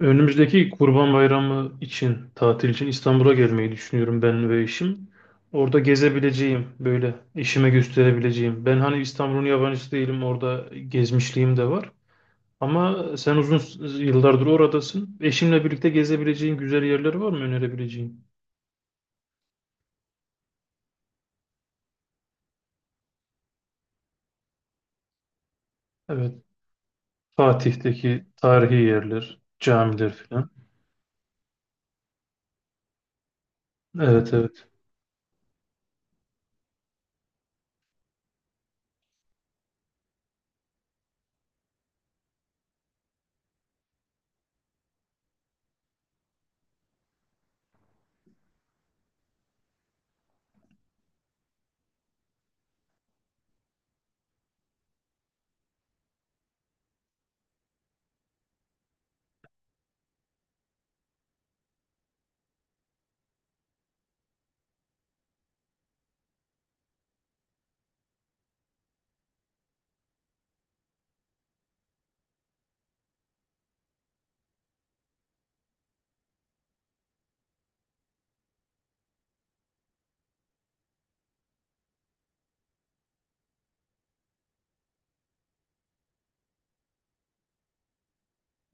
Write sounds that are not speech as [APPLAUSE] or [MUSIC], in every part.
Önümüzdeki Kurban Bayramı için, tatil için İstanbul'a gelmeyi düşünüyorum ben ve eşim. Orada gezebileceğim, böyle eşime gösterebileceğim. Ben hani İstanbul'un yabancısı değilim, orada gezmişliğim de var. Ama sen yıllardır oradasın. Eşimle birlikte gezebileceğin güzel yerler var mı önerebileceğin? Evet, Fatih'teki tarihi yerler, camiler falan. Evet, evet,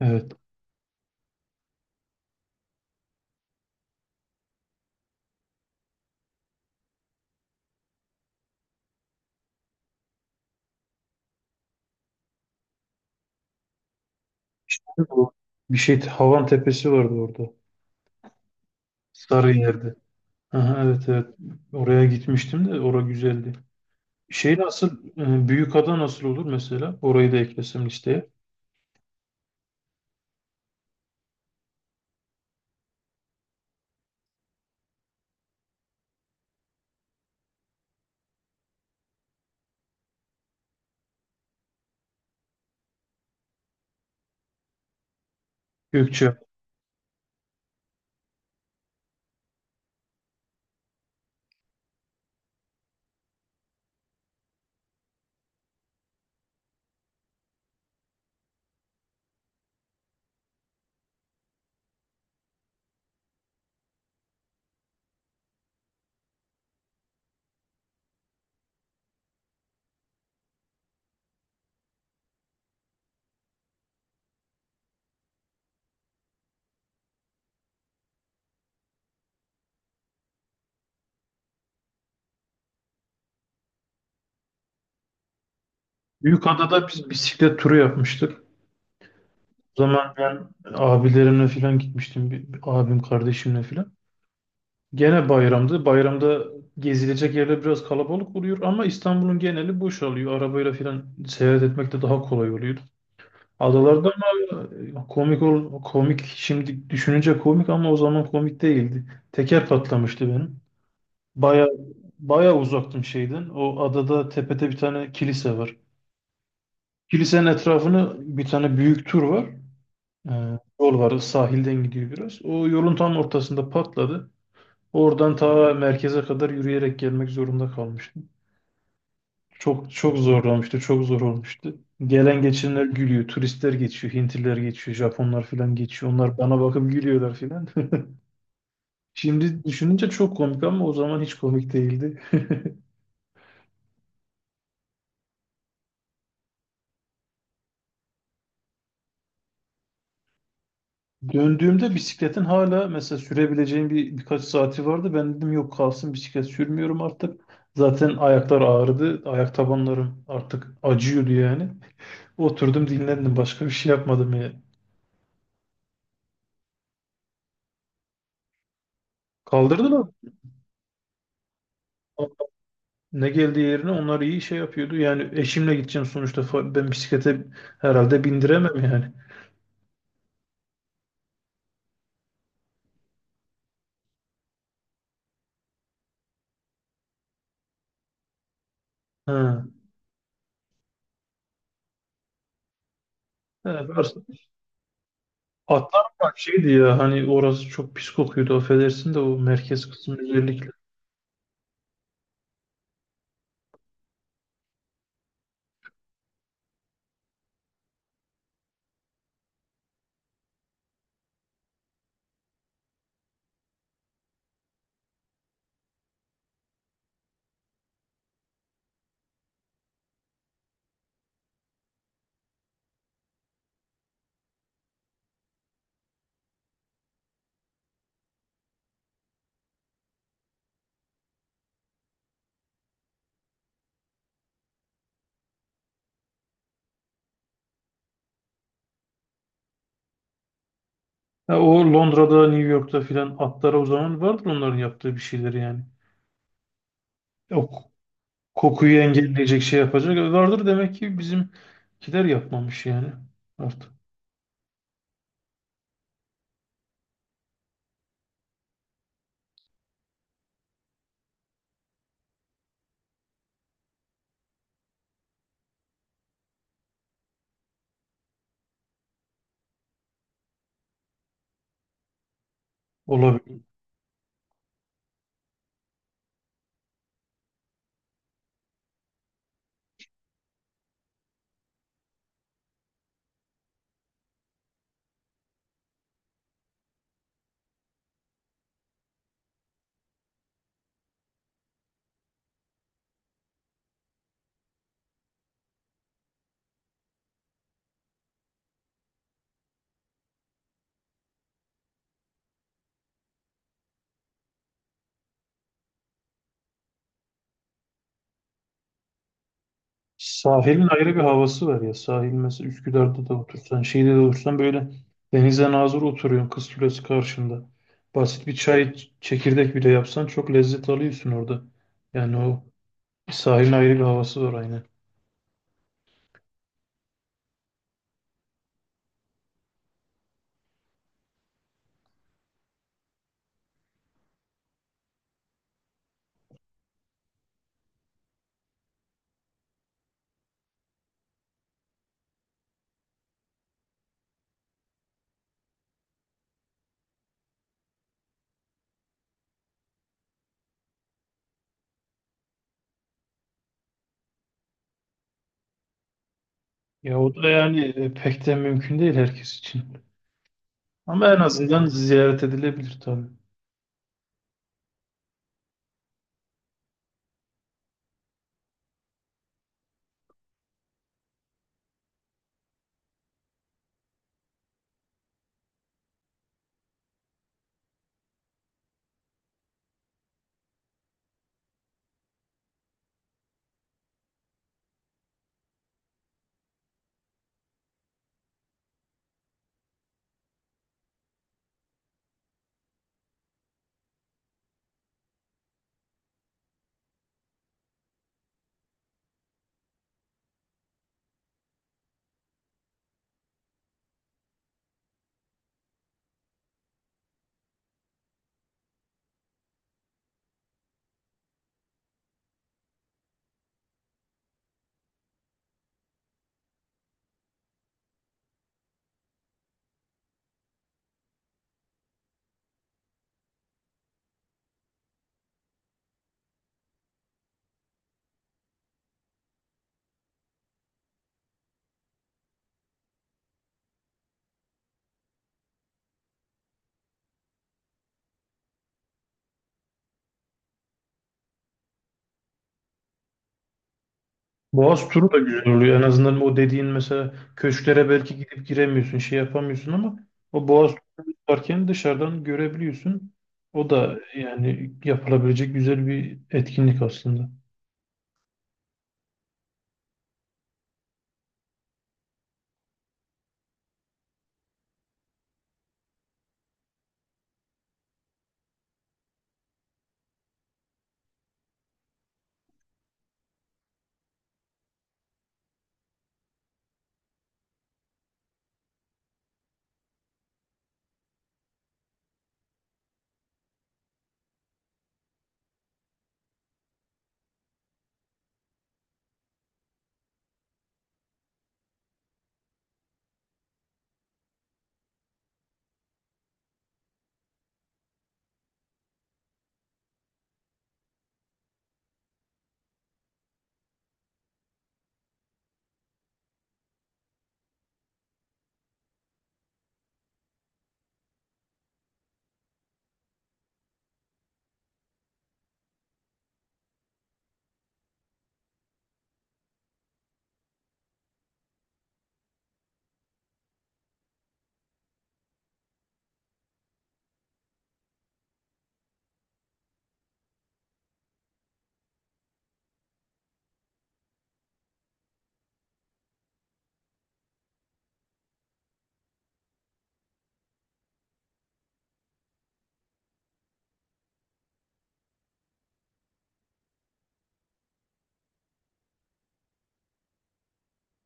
evet. İşte bu. Bir şey, Havan Tepesi vardı orada. Sarıyer'de. Aha, evet evet. Oraya gitmiştim de orası güzeldi. Şey nasıl Büyükada nasıl olur mesela? Orayı da eklesem listeye. Gökçe. Büyükada'da biz bisiklet turu yapmıştık. O zaman ben abilerimle falan gitmiştim. Bir, bir abim kardeşimle falan. Gene bayramdı. Bayramda gezilecek yerler biraz kalabalık oluyor ama İstanbul'un geneli boşalıyor. Arabayla falan seyahat etmek de daha kolay oluyor. Adalarda ama komik şimdi düşününce komik ama o zaman komik değildi. Teker patlamıştı benim. Baya baya uzaktım şeyden. O adada tepede bir tane kilise var. Kilisenin etrafını bir tane büyük tur var. Yol var sahilden gidiyor biraz. O yolun tam ortasında patladı. Oradan ta merkeze kadar yürüyerek gelmek zorunda kalmıştım. Çok çok zorlamıştı, çok zor olmuştu. Gelen geçenler gülüyor, turistler geçiyor, Hintliler geçiyor, Japonlar falan geçiyor. Onlar bana bakıp gülüyorlar falan. [LAUGHS] Şimdi düşününce çok komik ama o zaman hiç komik değildi. Döndüğümde bisikletin hala mesela sürebileceğim bir birkaç saati vardı. Ben dedim yok kalsın bisiklet sürmüyorum artık. Zaten ayaklar ağrıdı. Ayak tabanlarım artık acıyordu yani. Oturdum dinlendim. Başka bir şey yapmadım ya. Kaldırdılar. Ne geldiği yerine onlar iyi şey yapıyordu. Yani eşimle gideceğim sonuçta. Fa- Ben bisiklete herhalde bindiremem yani. Ha. Evet, atlar bak şeydi ya hani orası çok pis kokuyordu affedersin de o merkez kısmı özellikle. Ha, o Londra'da, New York'ta filan atlara o zaman vardır onların yaptığı bir şeyler yani. O k- Kokuyu engelleyecek şey yapacak vardır demek ki bizimkiler yapmamış yani artık. Sahilin ayrı bir havası var ya. Sahil mesela Üsküdar'da da otursan, şeyde de otursan böyle denize nazır oturuyorsun kız kulesi karşında. Basit bir çekirdek bile yapsan çok lezzet alıyorsun orada. Yani o sahilin ayrı bir havası var aynen. Ya o da yani pek de mümkün değil herkes için. Ama en azından ziyaret edilebilir tabii. Boğaz turu da güzel oluyor. En azından o dediğin mesela köşklere belki gidip giremiyorsun, şey yapamıyorsun ama o Boğaz turu varken dışarıdan görebiliyorsun. O da yani yapılabilecek güzel bir etkinlik aslında.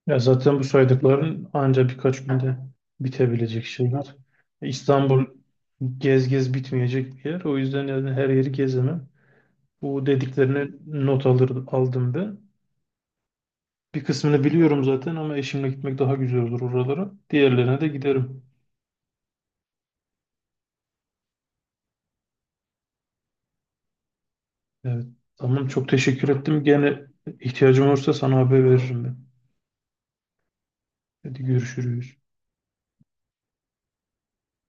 Ya zaten bu saydıkların ancak birkaç günde bitebilecek şeyler. İstanbul gez gez bitmeyecek bir yer. O yüzden yani her yeri gezemem. Bu dediklerine not alır, aldım ben. Bir kısmını biliyorum zaten ama eşimle gitmek daha güzel olur oralara. Diğerlerine de giderim. Evet. Tamam çok teşekkür ettim. Gene ihtiyacım olursa sana haber veririm ben. Hadi görüşürüz.